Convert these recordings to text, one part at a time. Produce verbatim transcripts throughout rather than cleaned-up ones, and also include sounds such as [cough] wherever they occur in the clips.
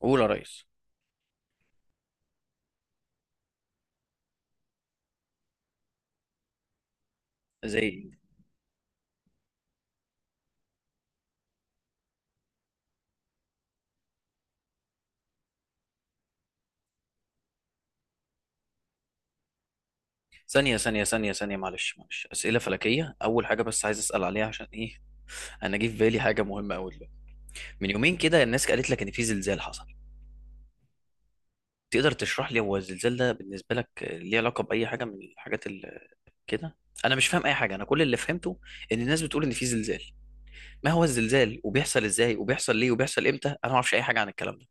قول يا ريس. زي ثانية ثانية ثانية ثانية معلش معلش، أسئلة فلكية أول حاجة بس عايز أسأل عليها عشان إيه. أنا جه في بالي حاجة مهمة أوي دلوقتي. من يومين كده الناس قالت لك إن في زلزال حصل. تقدر تشرح لي هو الزلزال ده بالنسبة لك ليه علاقة بأي حاجة من الحاجات اللي كده؟ أنا مش فاهم أي حاجة، أنا كل اللي فهمته إن الناس بتقول إن في زلزال. ما هو الزلزال، وبيحصل إزاي، وبيحصل ليه، وبيحصل إمتى؟ أنا ما أعرفش أي حاجة عن الكلام ده.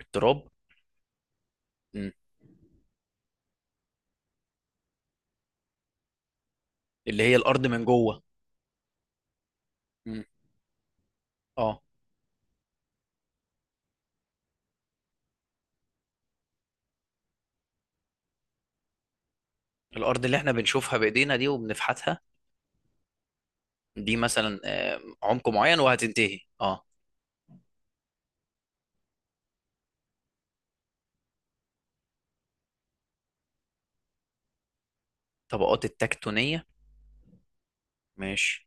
التراب؟ مم. اللي هي الأرض من جوه. مم. أه. الأرض اللي إحنا بنشوفها بإيدينا دي وبنفحتها، دي مثلا آه، عمق معين وهتنتهي؟ اه. طبقات التكتونية، ماشي.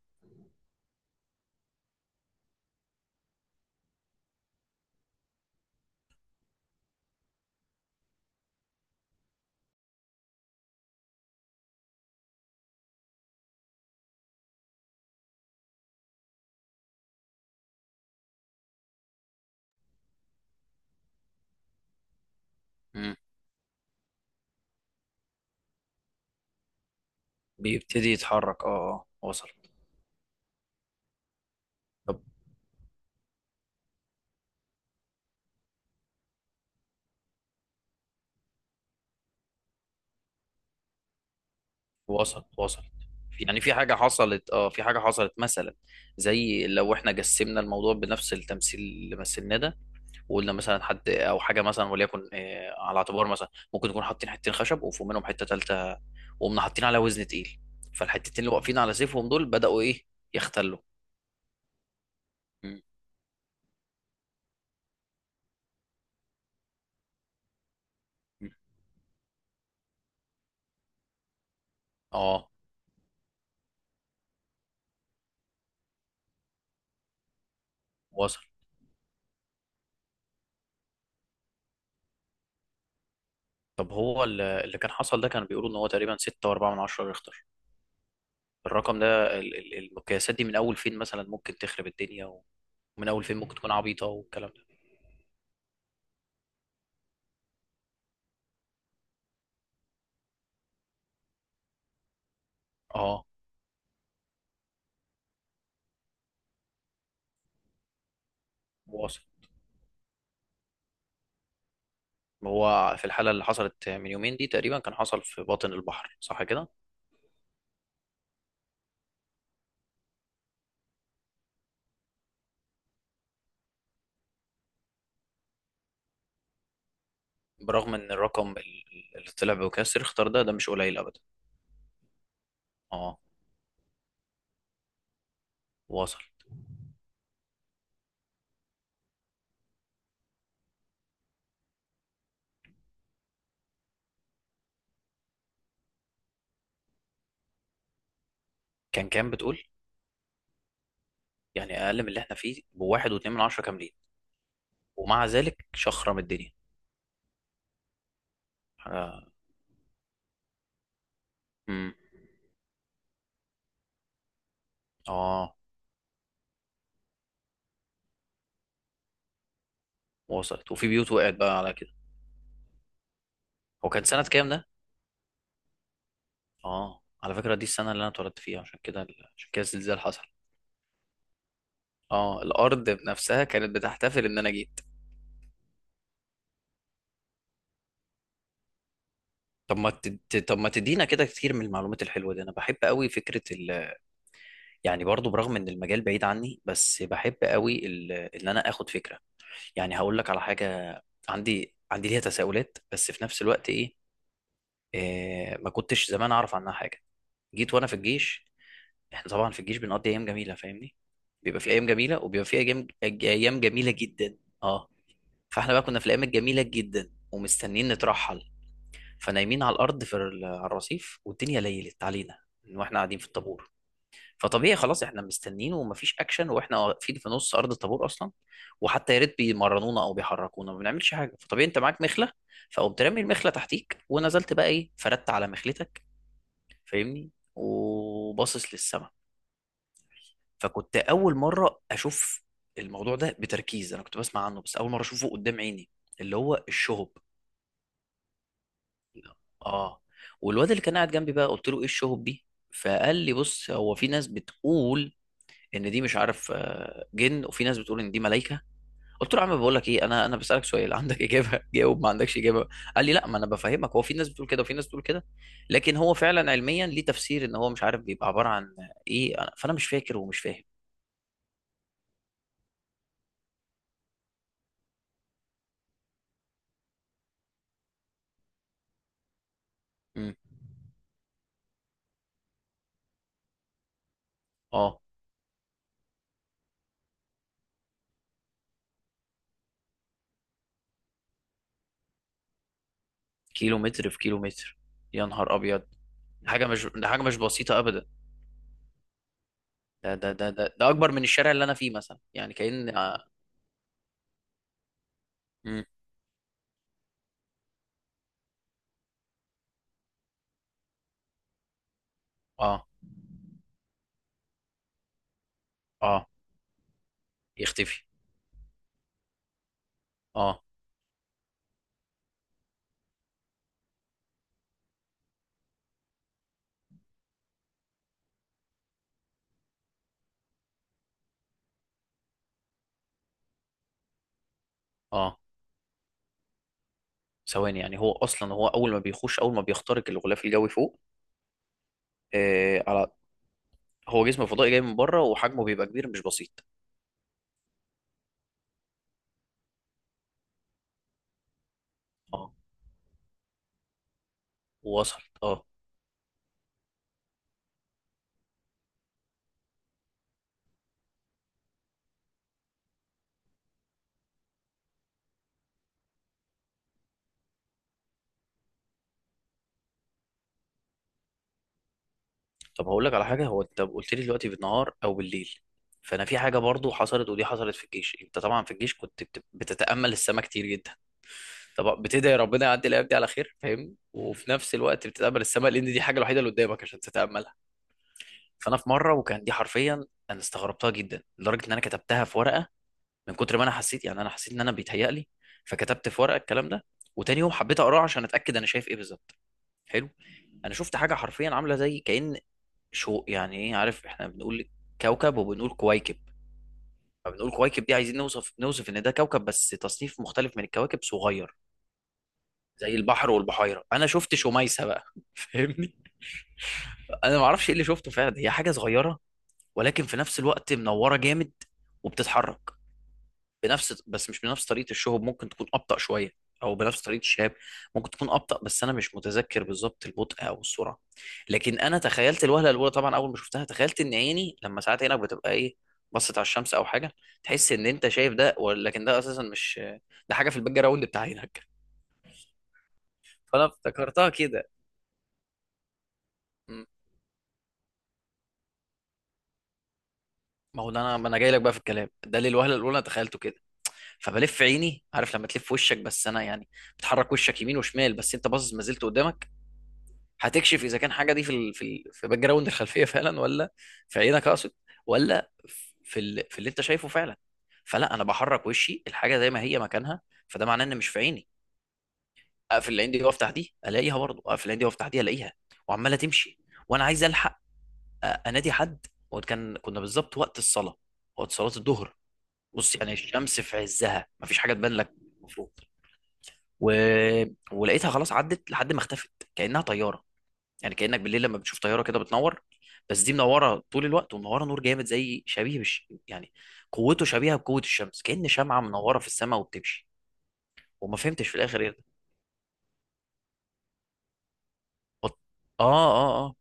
مم. بيبتدي يتحرك، اه اه، وصل. طب وصل وصل. في- يعني في حاجة حصلت، اه، في حاجة حصلت مثلا زي لو احنا جسمنا الموضوع بنفس التمثيل اللي مثلناه ده، وقلنا مثلا حد او حاجة مثلا، وليكن آه، على اعتبار مثلا ممكن نكون حاطين حتتين خشب وفوق منهم حتة تالتة، وقمنا حاطين عليها وزن تقيل، فالحتتين اللي واقفين على سيفهم دول بدأوا ايه؟ يختلوا. مم. اه وصل. طب هو ال- اللي كان حصل ده كانوا بيقولوا ان هو تقريبا ستة و4 من عشرة ريختر. الرقم ده، ال- ال- المقياسات دي من اول فين مثلا ممكن تخرب الدنيا، ومن اول فين ممكن تكون عبيطه والكلام ده؟ اه واصل. هو في الحاله اللي حصلت من يومين دي تقريبا كان حصل في باطن البحر صح كده؟ برغم ان الرقم ال- اللي طلع بمقياس ريختر ده، ده مش قليل ابدا. اه واصل. كان كام بتقول؟ يعني اقل من اللي احنا فيه بواحد واتنين من عشرة كاملين، ومع ذلك شخرم الدنيا. حاجه. امم. اه وصلت. وفي بيوت وقعت بقى على كده؟ هو كان سنة كام ده؟ اه، على فكرة دي السنة اللي أنا اتولدت فيها. عشان كده، عشان كده الزلزال حصل. اه، الأرض نفسها كانت بتحتفل إن أنا جيت. طب ما تد... طب ما تدينا كده كتير من المعلومات الحلوة دي. أنا بحب قوي فكرة ال... يعني برضو برغم إن المجال بعيد عني، بس بحب قوي ال... إن أنا آخد فكرة. يعني هقول لك على حاجة، عندي عندي ليها تساؤلات، بس في نفس الوقت إيه، إيه... ما كنتش زمان أعرف عنها حاجة. جيت وأنا في الجيش. احنا طبعا في الجيش بنقضي ايام جميله، فاهمني؟ بيبقى في ايام جميله، وبيبقى في ايام ايام جميله جدا، اه. فاحنا بقى كنا في الايام الجميله جدا ومستنيين نترحل، فنايمين على الارض في ال- على الرصيف، والدنيا ليلت علينا من واحنا قاعدين في الطابور. فطبيعي خلاص احنا مستنيين ومفيش اكشن، واحنا واقفين في نص ارض الطابور اصلا، وحتى يا ريت بيمرنونا او بيحركونا، ما بنعملش حاجه. فطبيعي انت معاك مخله، فقمت رامي المخله تحتيك ونزلت بقى ايه، فردت على مخلتك، فاهمني، وباصص للسما. فكنت اول مره اشوف الموضوع ده بتركيز، انا كنت بسمع عنه، بس اول مره اشوفه قدام عيني، اللي هو الشهب. اه. والواد اللي كان قاعد جنبي بقى قلت له ايه الشهب دي؟ فقال لي بص هو في ناس بتقول ان دي مش عارف آه، جن، وفي ناس بتقول ان دي ملائكه. قلت له يا عم بقول لك ايه، انا انا بسالك سؤال عندك اجابه [laughs] جاوب، ما عندكش اجابه؟ قال لي لا ما انا بفهمك، هو في ناس بتقول كده وفي ناس بتقول كده، لكن هو فعلا علميا ليه تفسير ان هو مش عارف بيبقى عباره عن ايه. أنا- فانا مش فاكر ومش فاهم. امم. اه. كيلو متر في كيلو متر؟ يا نهار ابيض. ده حاجه مش ده حاجه مش بسيطه ابدا. ده ده ده ده, ده اكبر من الشارع اللي انا فيه مثلا، يعني كأن اه. مم. اه. آه، يختفي. اه اه. ثواني، يعني هو اصلا هو اول ما بيخش اول ما بيخترق الغلاف الجوي فوق؟ آه على هو جسم فضائي جاي من بره وحجمه بيبقى كبير مش بسيط. اه وصل. اه. طب هقول لك على حاجه، هو انت قلت لي دلوقتي بالنهار او بالليل. فانا في حاجه برضو حصلت، ودي حصلت في الجيش. انت طبعا في الجيش كنت بت- بتتامل السماء كتير جدا. طب بتدعي ربنا يعدي الايام دي على خير، فاهمني، وفي نفس الوقت بتتامل السماء لان دي الحاجه الوحيده اللي قدامك عشان تتاملها. فانا في مره، وكان دي حرفيا انا استغربتها جدا لدرجه ان انا كتبتها في ورقه من كتر ما انا حسيت، يعني انا حسيت ان انا بيتهيأ لي، فكتبت في ورقه الكلام ده، وتاني يوم حبيت اقراه عشان اتاكد انا شايف ايه بالظبط. حلو. انا شفت حاجه، حرفيا عامله زي كأن، شو يعني ايه، عارف احنا بنقول كوكب وبنقول كويكب، فبنقول كويكب دي عايزين نوصف نوصف ان ده كوكب بس تصنيف مختلف من الكواكب، صغير. زي البحر والبحيره، انا شفت شميسه بقى [laughs] فاهمني. انا ما اعرفش ايه اللي شفته فعلا، هي حاجه صغيره ولكن في نفس الوقت منوره جامد، وبتتحرك بنفس، بس مش بنفس طريقه الشهب، ممكن تكون ابطا شويه، او بنفس طريقه الشهاب، ممكن تكون ابطا، بس انا مش متذكر بالظبط البطء او السرعه. لكن انا تخيلت الوهله الاولى، طبعا اول ما شفتها تخيلت ان عيني، لما ساعات عينك بتبقى ايه، بصت على الشمس او حاجه، تحس ان انت شايف ده، ولكن ده اساسا مش، ده حاجه في الباك جراوند بتاع عينك. فانا افتكرتها كده. ما هو ده انا ما انا جاي لك بقى في الكلام ده ليه، الوهله الاولى أنا تخيلته كده. فبلف عيني، عارف لما تلف وشك، بس انا يعني بتحرك وشك يمين وشمال بس انت باصص ما زلت قدامك، هتكشف اذا كان حاجه دي في ال... في ال... في باك جراوند الخلفيه فعلا، ولا في عينك اقصد، ولا في ال... في اللي انت شايفه فعلا. فلا، انا بحرك وشي الحاجه زي ما هي مكانها، فده معناه ان مش في عيني. اقفل العين دي وافتح دي الاقيها، برضه اقفل العين دي وافتح دي الاقيها، وعماله تمشي. وانا عايز الحق أ- انادي حد. وكان كنا بالظبط وقت الصلاه، وقت صلاه الظهر. بص، يعني الشمس في عزها مفيش حاجه تبان لك المفروض. و... ولقيتها خلاص عدت لحد ما اختفت كانها طياره. يعني كانك بالليل لما بتشوف طياره كده بتنور، بس دي منوره طول الوقت، ومنوره نور جامد، زي شبيه بالش... يعني قوته شبيهه بقوه الشمس، كأن شمعه منوره في السماء وبتمشي. وما فهمتش في الاخر ايه ده. بط... اه اه اه،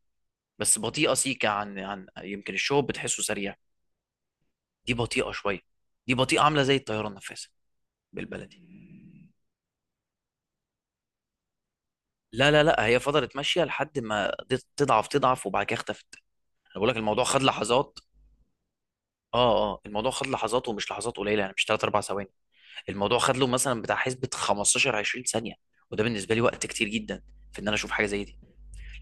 بس بطيئه سيكه عن، عن يمكن الشوب بتحسه سريع، دي بطيئه شويه، دي بطيئه عامله زي الطياره النفاثه. بالبلدي، لا لا لا، هي فضلت ماشيه لحد ما دي- تضعف تضعف وبعد كده اختفت. انا بقول لك الموضوع خد لحظات، اه اه، الموضوع خد لحظات ومش لحظات قليله، يعني مش تلاتة أربعة ثواني، الموضوع خد له مثلا بتاع حسبه خمستاشر عشرين ثانيه، وده بالنسبه لي وقت كتير جدا في ان انا اشوف حاجه زي دي.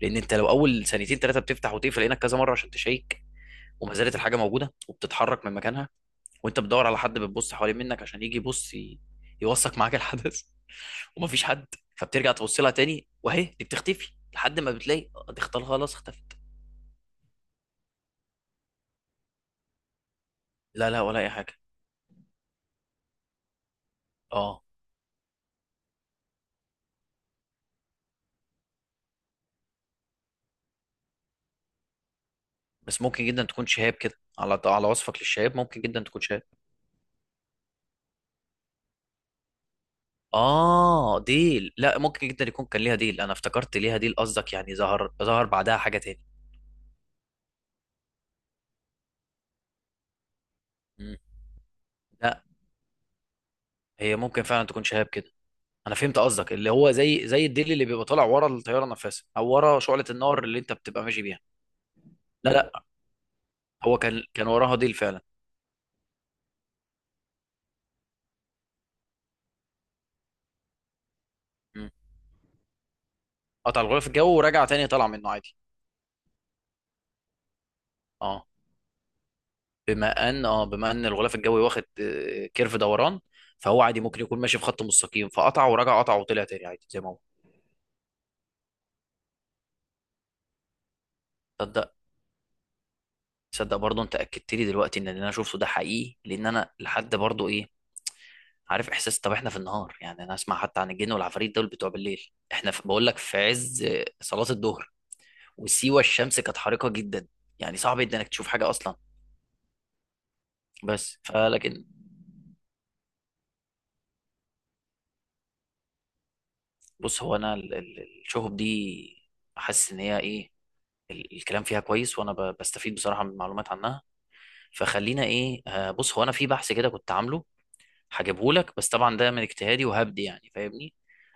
لان انت لو اول ثانيتين ثلاثه بتفتح وتقفل عينك كذا مره عشان تشيك، وما زالت الحاجه موجوده وبتتحرك من مكانها، وانت بتدور على حد، بتبص حوالين منك عشان يجي يبص ي- يوثق معاك الحدث [laughs] ومفيش حد. فبترجع تبص لها تاني وهي دي بتختفي لحد ما بتلاقي آه، دي اختل- خلاص اختفت. لا لا، ولا اي حاجه. اه. بس ممكن جدا تكون شهاب كده، على على وصفك للشهاب ممكن جدا تكون شهاب. اه ديل؟ لا، ممكن جدا يكون كان ليها ديل، انا افتكرت ليها ديل قصدك، يعني ظهر ظهر بعدها حاجه تاني. مم. لا، هي ممكن فعلا تكون شهاب كده. انا فهمت قصدك، اللي هو زي زي الديل اللي بيبقى طالع ورا الطياره نفسها، او ورا شعله النار اللي انت بتبقى ماشي بيها. لا لا، هو كان كان وراها ديل فعلا. مم. قطع الغلاف الجوي ورجع تاني طلع منه عادي. اه بما ان، اه بما ان الغلاف الجوي واخد آه، كيرف دوران، فهو عادي ممكن يكون ماشي في خط مستقيم، فقطع ورجع قطع وطلع تاني عادي زي ما هو. تصدق، تصدق برضه انت اكدت لي دلوقتي ان اللي انا شفته ده حقيقي، لان انا لحد برضه ايه، عارف احساس، طب احنا في النهار، يعني انا اسمع حتى عن الجن والعفاريت دول بتوع بالليل، احنا في بقول لك في عز آه، صلاة الظهر، وسيوة الشمس كانت حارقة جدا، يعني صعب جدا انك تشوف حاجة اصلا. بس فلكن، بص هو انا ال- ال- الشهب دي حاسس ان هي ايه، ال- الكلام فيها كويس، وانا ب- بستفيد بصراحه من معلومات عنها. فخلينا ايه، آه، بص هو انا في بحث كده كنت عامله، هجيبه لك، بس طبعا ده من اجتهادي وهبدي يعني فاهمني،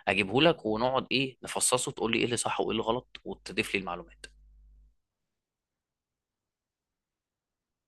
اجيبه لك، ونقعد ايه نفصصه، تقول لي ايه اللي صح وايه اللي غلط، وتضيف لي المعلومات.